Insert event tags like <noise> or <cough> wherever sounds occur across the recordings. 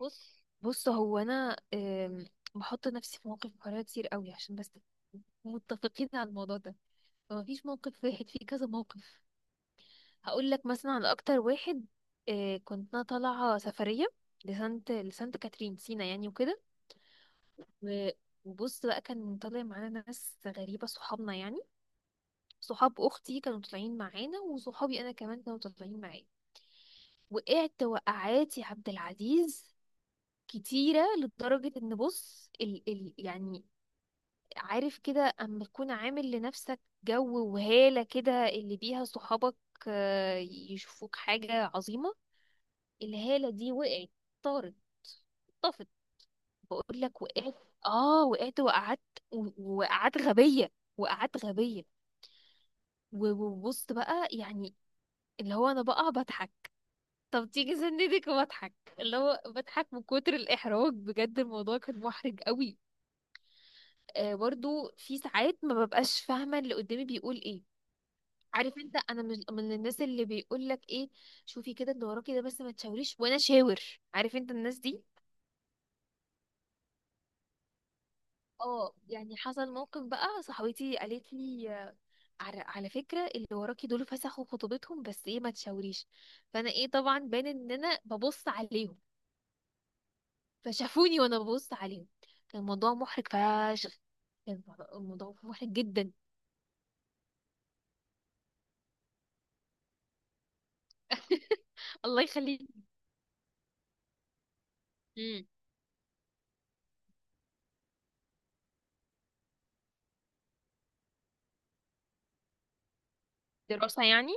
بص بص، هو انا بحط نفسي في مواقف محرجه كتير قوي، عشان بس متفقين على الموضوع ده. فما فيش موقف واحد، في كذا موقف. هقول لك مثلا على اكتر واحد. كنت انا طالعه سفريه لسانت كاترين سينا يعني وكده. و- وبص بقى، كان طالع معانا ناس غريبه، صحابنا يعني. صحاب اختي كانوا طالعين معانا، وصحابي انا كمان كانوا طالعين معايا. وقعت وقعات يا عبد العزيز كتيرة، لدرجة ان بص ال يعني، عارف كده، اما تكون عامل لنفسك جو وهالة كده اللي بيها صحابك يشوفوك حاجة عظيمة. الهالة دي وقعت، طارت، طفت. بقول لك وقعت، اه وقعت وقعدت غبية، وقعدت غبية. وبص بقى يعني، اللي هو انا بقى بضحك. طب تيجي سندك وبضحك، اللي هو بضحك من كتر الإحراج. بجد الموضوع كان محرج قوي. برضو في ساعات ما ببقاش فاهمة اللي قدامي بيقول ايه. عارف انت، انا مش من الناس اللي بيقول لك ايه، شوفي كده اللي وراكي ده، بس ما تشاوريش، وانا شاور. عارف انت الناس دي. اه يعني حصل موقف بقى، صاحبتي قالت لي على فكره، اللي وراكي دول فسخوا خطوبتهم، بس ايه ما تشاوريش. فانا ايه، طبعا باين ان انا ببص عليهم، فشافوني وانا ببص عليهم. كان الموضوع محرج فشخ. كان الموضوع محرج جدا. <laughs> الله يخليك. مم. دراسه يعني.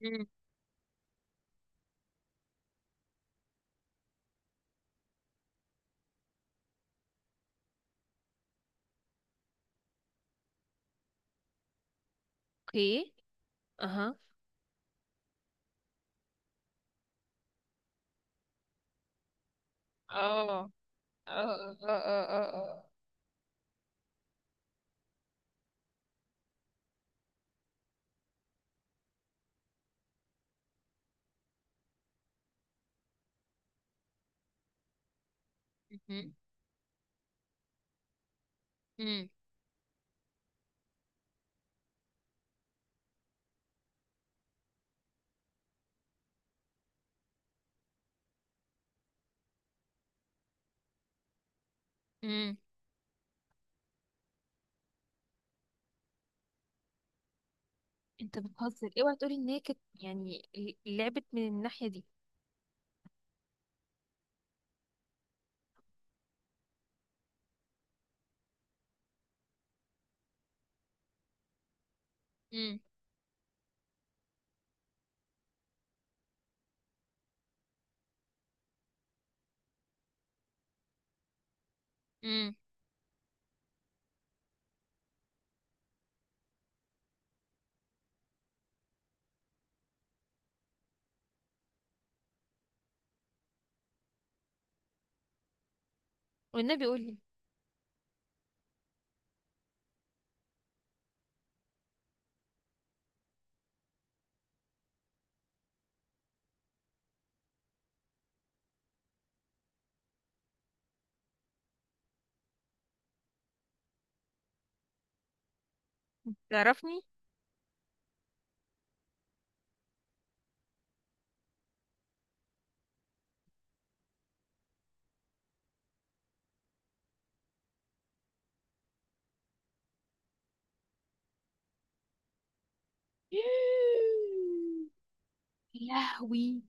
مم. اوكي. اها. اه اه اه اه اه مهم. مم. مم. انت بتهزر؟ اوعى تقولي ان هي كانت يعني لعبت من الناحية دي. مم. مم. والنبي قولي. تعرفني؟ <laughs> لهوي.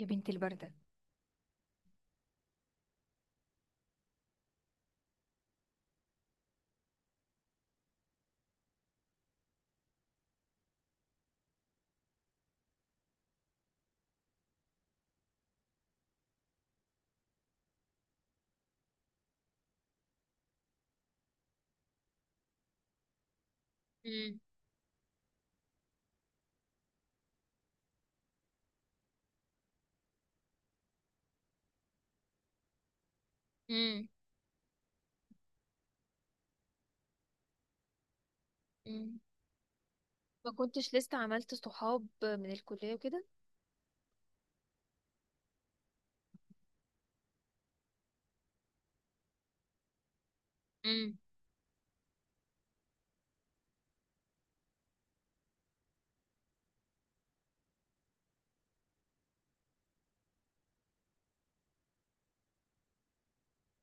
يا بنت البردة. مم. مم. مم. ما كنتش لسه عملت صحاب من الكلية وكده. مم.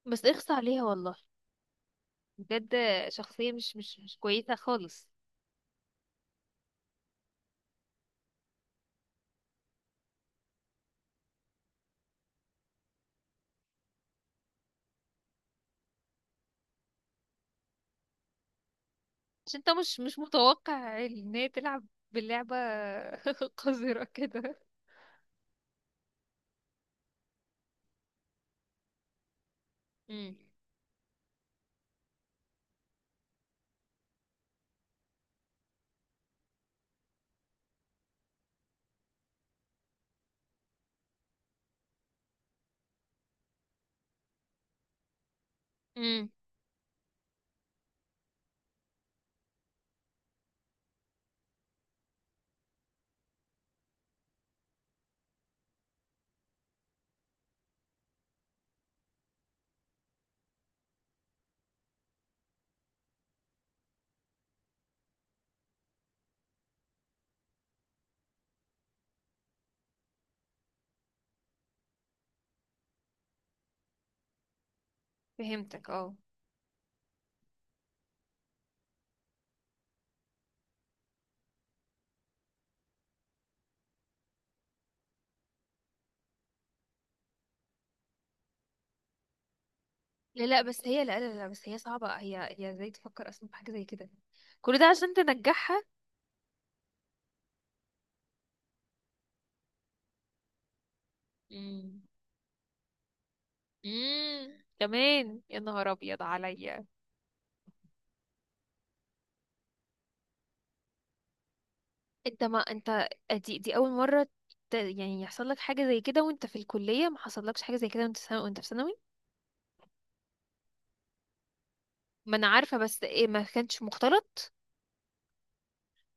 بس اخص عليها والله. بجد. شخصية مش كويسة خالص. عشان انت مش متوقع ان هي تلعب باللعبة <laughs> قذرة كده. امم امم فهمتك اه. لا لا، بس هي، لا لا لا، بس هي صعبة. هي ازاي تفكر اصلا في حاجة زي كده؟ كل ده عشان تنجحها. امم كمان؟ يا نهار ابيض عليا. انت، ما انت دي اول مرة يعني يحصل لك حاجة زي كده؟ وانت في الكلية ما حصلكش حاجة زي كده، وانت سنة، وانت في ثانوي؟ ما انا عارفة، بس ايه، ما كانش مختلط.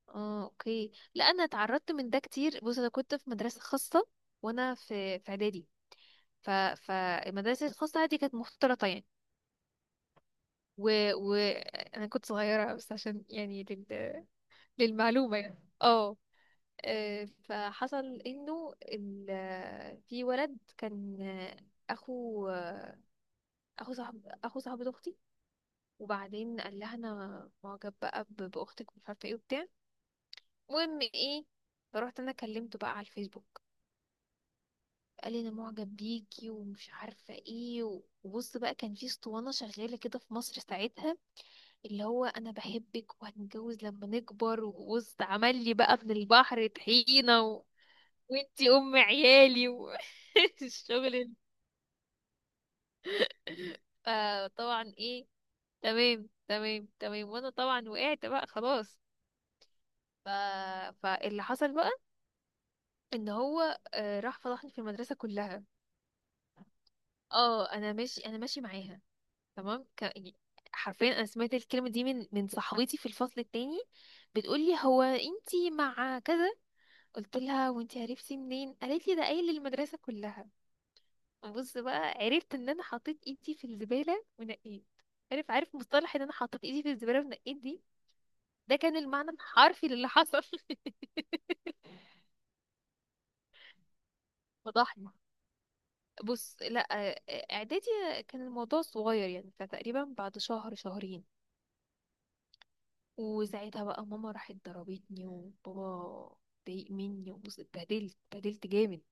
اه، اوكي. لا انا اتعرضت من ده كتير. بص، انا كنت في مدرسه خاصه، وانا في اعدادي. ف فالمدرسه الخاصه دي كانت مختلطه يعني. و انا كنت صغيره، بس عشان يعني للمعلومه يعني اه. فحصل انه في ولد كان اخو آه، اخو صاحبة اختي. وبعدين قال لها انا معجب بقى باختك، ومش عارفه ايه وبتاع. المهم ايه، فرحت انا كلمته بقى على الفيسبوك. قال لي انا معجب بيكي ومش عارفه ايه. وبص بقى، كان في اسطوانه شغاله كده في مصر ساعتها، اللي هو: انا بحبك وهنتجوز لما نكبر. وبص عمل لي بقى من البحر طحينه، وانتي ام عيالي، <laughs> الشغل ده. فطبعا ايه، تمام تمام تمام، وانا طبعا وقعت بقى خلاص. ف... فاللي حصل بقى ان هو راح فضحني في المدرسه كلها. اه، انا ماشي، انا ماشي معاها تمام. حرفيا انا سمعت الكلمه دي من صاحبتي في الفصل التاني، بتقولي: هو انتي مع كذا؟ قلت لها: وانتي عرفتي منين؟ قالت لي ده قايل للمدرسه كلها. بص بقى، عرفت ان انا حطيت ايدي في الزباله ونقيت. عارف مصطلح ان انا حطيت ايدي في الزباله ونقيت دي. ده كان المعنى الحرفي للي حصل. <laughs> فضحني. بص لا، اعدادي، كان الموضوع صغير يعني. فتقريبا بعد شهر شهرين، وساعتها بقى ماما راحت ضربتني، وبابا ضايق مني، وبص اتبهدلت، اتبهدلت جامد.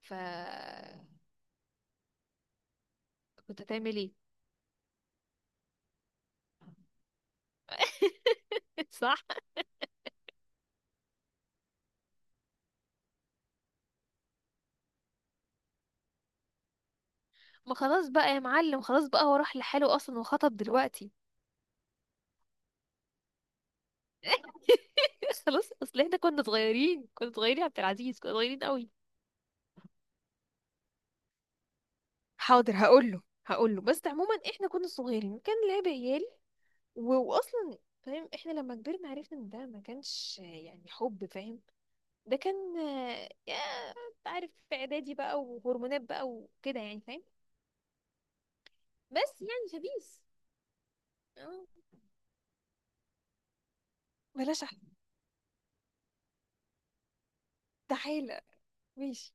ف كنت هتعمل ايه؟ <laughs> صح. ما خلاص بقى يا معلم، خلاص بقى هو راح لحاله اصلا وخطب دلوقتي. <laughs> خلاص، اصل احنا كنا صغيرين، كنا صغيرين يا عبد العزيز، كنا صغيرين قوي. حاضر هقول له بس عموما احنا كنا صغيرين، كان لعب عيال. واصلا فاهم، احنا لما كبرنا عرفنا ان ده ما كانش يعني حب، فاهم. ده كان يا، انت عارف، في اعدادي بقى، وهرمونات بقى وكده يعني، فاهم. بس يعني شبيس. اه، بلاش تعالى. ماشي.